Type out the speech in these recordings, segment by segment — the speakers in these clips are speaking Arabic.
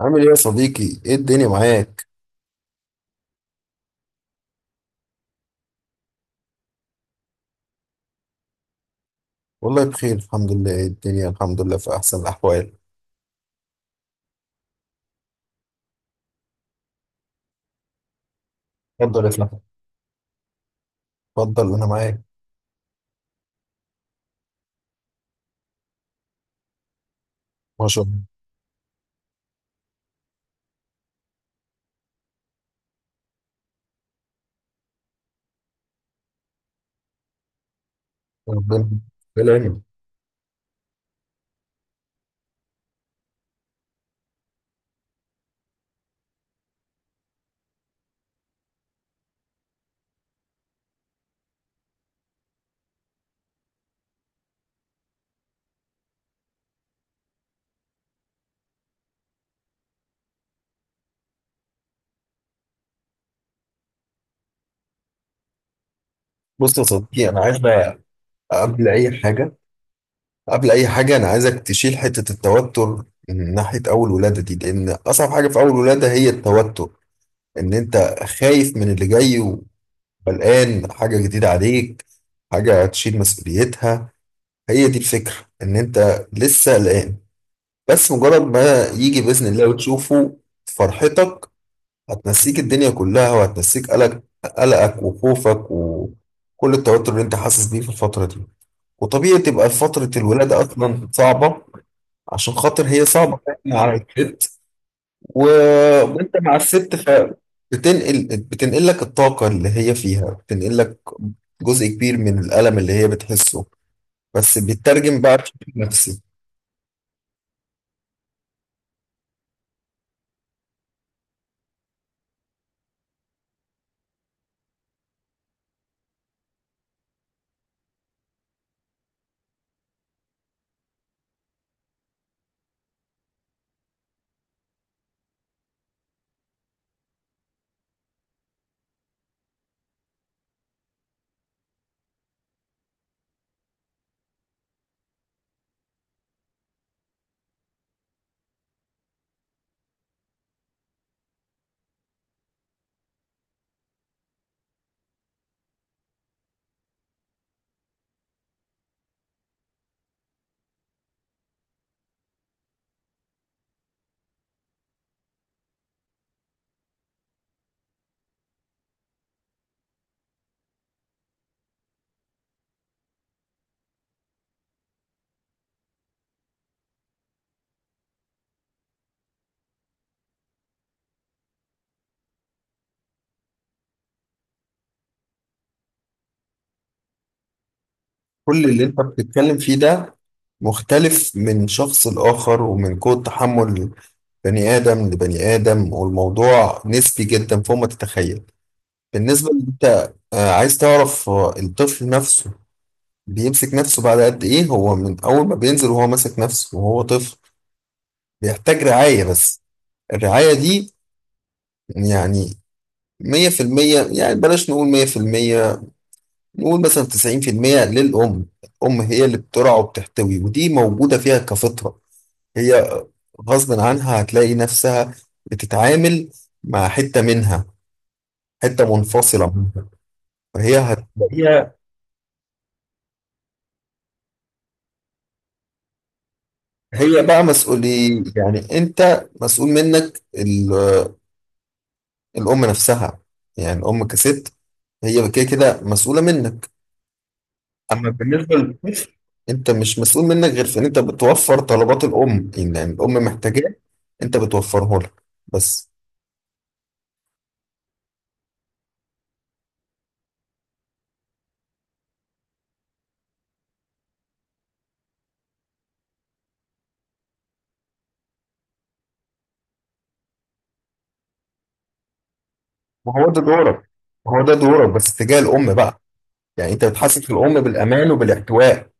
عامل ايه يا صديقي؟ ايه الدنيا معاك؟ والله بخير، الحمد لله. ايه الدنيا؟ الحمد لله في أحسن الأحوال. اتفضل يا فندم، اتفضل أنا معاك. ما شاء الله. ربنا ربنا يعينك. بص يا صديقي، أنا عايز بقى قبل أي حاجة، أنا عايزك تشيل حتة التوتر من ناحية أول ولادة دي، لأن أصعب حاجة في أول ولادة هي التوتر. إن أنت خايف من اللي جاي، وقلقان حاجة جديدة عليك، حاجة هتشيل مسؤوليتها. هي دي الفكرة، إن أنت لسه قلقان. بس مجرد ما يجي بإذن الله وتشوفه، فرحتك هتنسيك الدنيا كلها، وهتنسيك قلقك وخوفك وكل التوتر اللي انت حاسس بيه في الفترة دي. وطبيعي تبقى فترة الولادة أصلا صعبة، عشان خاطر هي صعبة على الست. وانت مع الست، فبتنقل، بتنقل لك الطاقة اللي هي فيها، بتنقل لك جزء كبير من الألم اللي هي بتحسه، بس بيترجم بقى بشكل نفسي. كل اللي انت بتتكلم فيه ده مختلف من شخص لآخر، ومن قوة تحمل بني آدم لبني آدم، والموضوع نسبي جدا فوق ما تتخيل. بالنسبة ان انت عايز تعرف الطفل نفسه بيمسك نفسه بعد قد ايه، هو من اول ما بينزل وهو ماسك نفسه، وهو طفل بيحتاج رعاية بس. الرعاية دي يعني مية في المية، يعني بلاش نقول مية في المية، نقول مثلا تسعين في المية للأم. الأم هي اللي بترعى وبتحتوي، ودي موجودة فيها كفطرة. هي غصب عنها هتلاقي نفسها بتتعامل مع حتة منها، حتة منفصلة منها، فهي هتلاقيها. هي بقى مسؤولية، يعني انت مسؤول منك الأم نفسها. يعني الأم كست، هي كده كده مسؤولة منك. أما بالنسبة للبنت، انت مش مسؤول منك غير في ان انت بتوفر طلبات الأم، يعني الأم محتاجاه انت بتوفره لها بس. وهو ده دورك هو ده دورك بس تجاه الأم بقى، يعني انت بتحسس الأم بالأمان وبالاحتواء.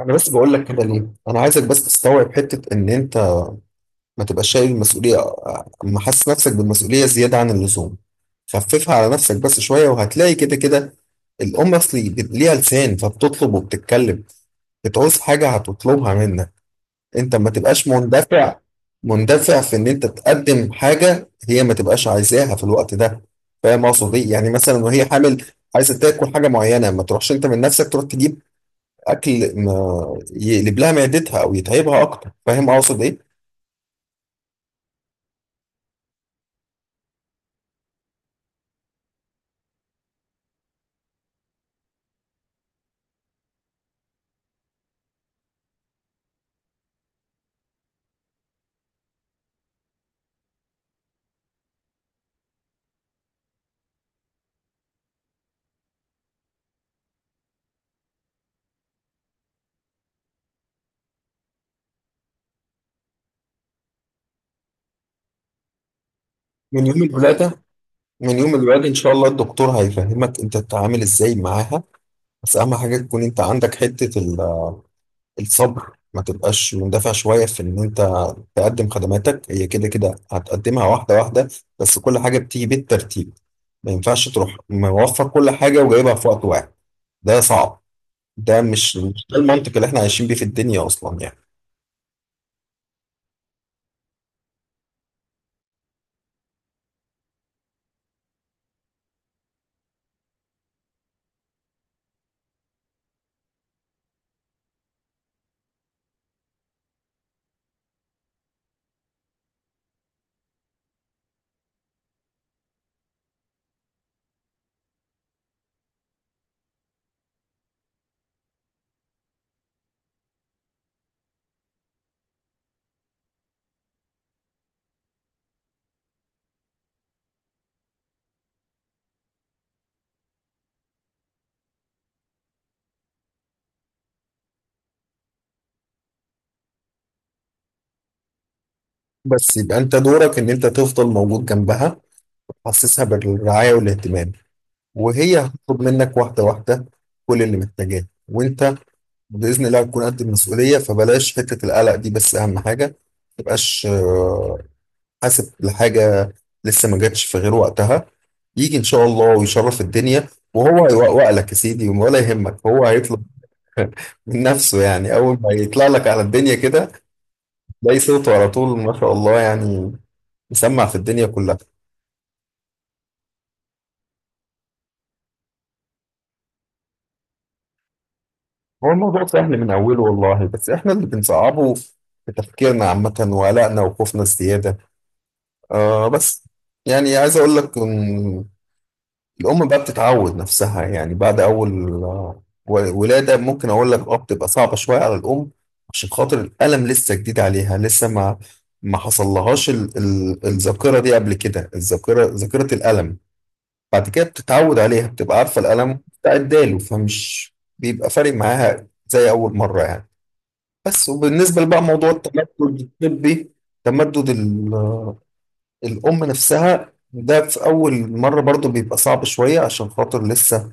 انا بس بقول لك كده ليه، انا عايزك بس تستوعب حته ان انت ما تبقاش شايل المسؤوليه، ما حاسس نفسك بالمسؤوليه زياده عن اللزوم. خففها على نفسك بس شويه، وهتلاقي كده كده الام اصلي ليها لسان، فبتطلب وبتتكلم. بتعوز حاجه هتطلبها منك. انت ما تبقاش مندفع، مندفع في ان انت تقدم حاجه هي ما تبقاش عايزاها في الوقت ده. فاهم اقصد ايه؟ يعني مثلا وهي حامل عايزه تاكل حاجه معينه، ما تروحش انت من نفسك تروح تجيب اكل ما يقلب لها معدتها او يتعبها اكتر. فاهم اقصد ايه؟ من يوم الولاده من يوم الولاده ان شاء الله الدكتور هيفهمك انت تتعامل ازاي معاها. بس اهم حاجه تكون انت عندك حته الصبر. ما تبقاش مندفع شويه في ان انت تقدم خدماتك، هي كده كده هتقدمها واحده واحده، بس كل حاجه بتيجي بالترتيب. ما ينفعش تروح موفر كل حاجه وجايبها في وقت واحد، ده صعب. ده مش ده المنطق اللي احنا عايشين بيه في الدنيا اصلا يعني. بس يبقى انت دورك ان انت تفضل موجود جنبها، حسسها بالرعاية والاهتمام، وهي هتطلب منك واحدة واحدة كل اللي محتاجاه، وانت بإذن الله هتكون قد المسؤولية. فبلاش حتة القلق دي، بس أهم حاجة ما تبقاش حاسب لحاجة لسه ما جاتش في غير وقتها. يجي إن شاء الله ويشرف الدنيا، وهو هيوقوق لك يا سيدي، ولا يهمك، هو هيطلب من نفسه. يعني أول ما يطلع لك على الدنيا كده، تلاقي صوته على طول، ما شاء الله، يعني مسمع في الدنيا كلها. هو الموضوع سهل من أوله والله، بس إحنا اللي بنصعبه في تفكيرنا عامة، وقلقنا وخوفنا الزيادة. آه بس يعني عايز أقول لك إن الأم بقى بتتعود نفسها، يعني بعد أول ولادة ممكن أقول لك أه بتبقى صعبة شوية على الأم، عشان خاطر الألم لسه جديد عليها، لسه ما حصل لهاش الذاكرة دي قبل كده، الذاكرة ذاكرة الألم. بعد كده بتتعود عليها، بتبقى عارفة الألم، بتعداله، فمش بيبقى فارق معاها زي أول مرة يعني. بس وبالنسبة بقى موضوع التمدد الطبي، تمدد الأم نفسها، ده في أول مرة برضو بيبقى صعب شوية، عشان خاطر لسه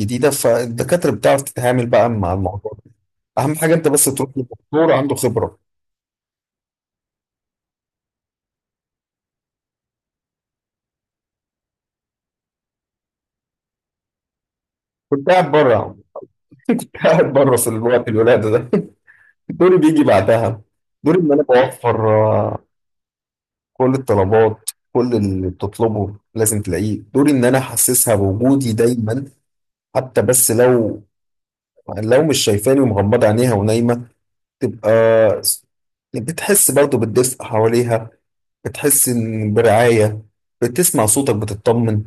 جديدة، فالدكاترة بتعرف تتعامل بقى مع الموضوع ده. أهم حاجة أنت بس تروح لدكتور عنده خبرة. كنت قاعد بره يا عم. كنت قاعد بره في الوقت الولادة ده. دوري بيجي بعدها. دوري إن أنا بوفر آه، كل الطلبات، كل اللي بتطلبه لازم تلاقيه. دوري إن أنا أحسسها بوجودي دايما، حتى بس لو مش شايفاني ومغمضة عينيها ونايمة، تبقى بتحس برضو بالدفء حواليها، بتحس إن برعاية، بتسمع صوتك بتطمن.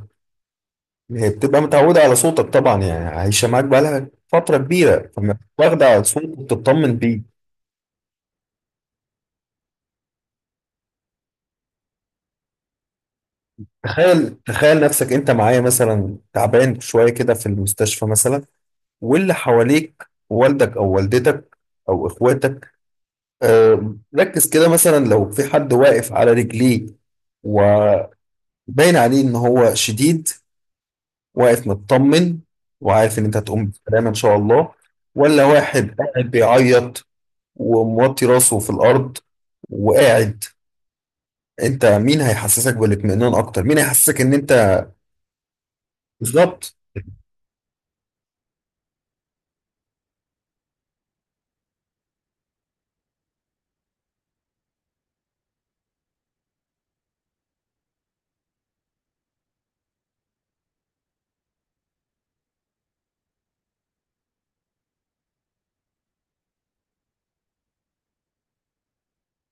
هي بتبقى متعودة على صوتك طبعا، يعني عايشة معاك بقالها فترة كبيرة، فما واخدة على صوتك وبتطمن بيه. تخيل تخيل نفسك انت معايا مثلا تعبان شوية كده في المستشفى مثلا، واللي حواليك والدك او والدتك او اخواتك، ركز كده. مثلا لو في حد واقف على رجليه و... باين عليه ان هو شديد، واقف مطمن، وعارف ان انت هتقوم بالسلامه ان شاء الله، ولا واحد قاعد بيعيط وموطي راسه في الارض وقاعد؟ انت مين هيحسسك بالاطمئنان اكتر؟ مين هيحسسك ان انت؟ بالظبط.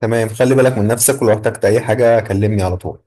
تمام، خلي بالك من نفسك، ولو احتجت اي حاجه كلمني على طول.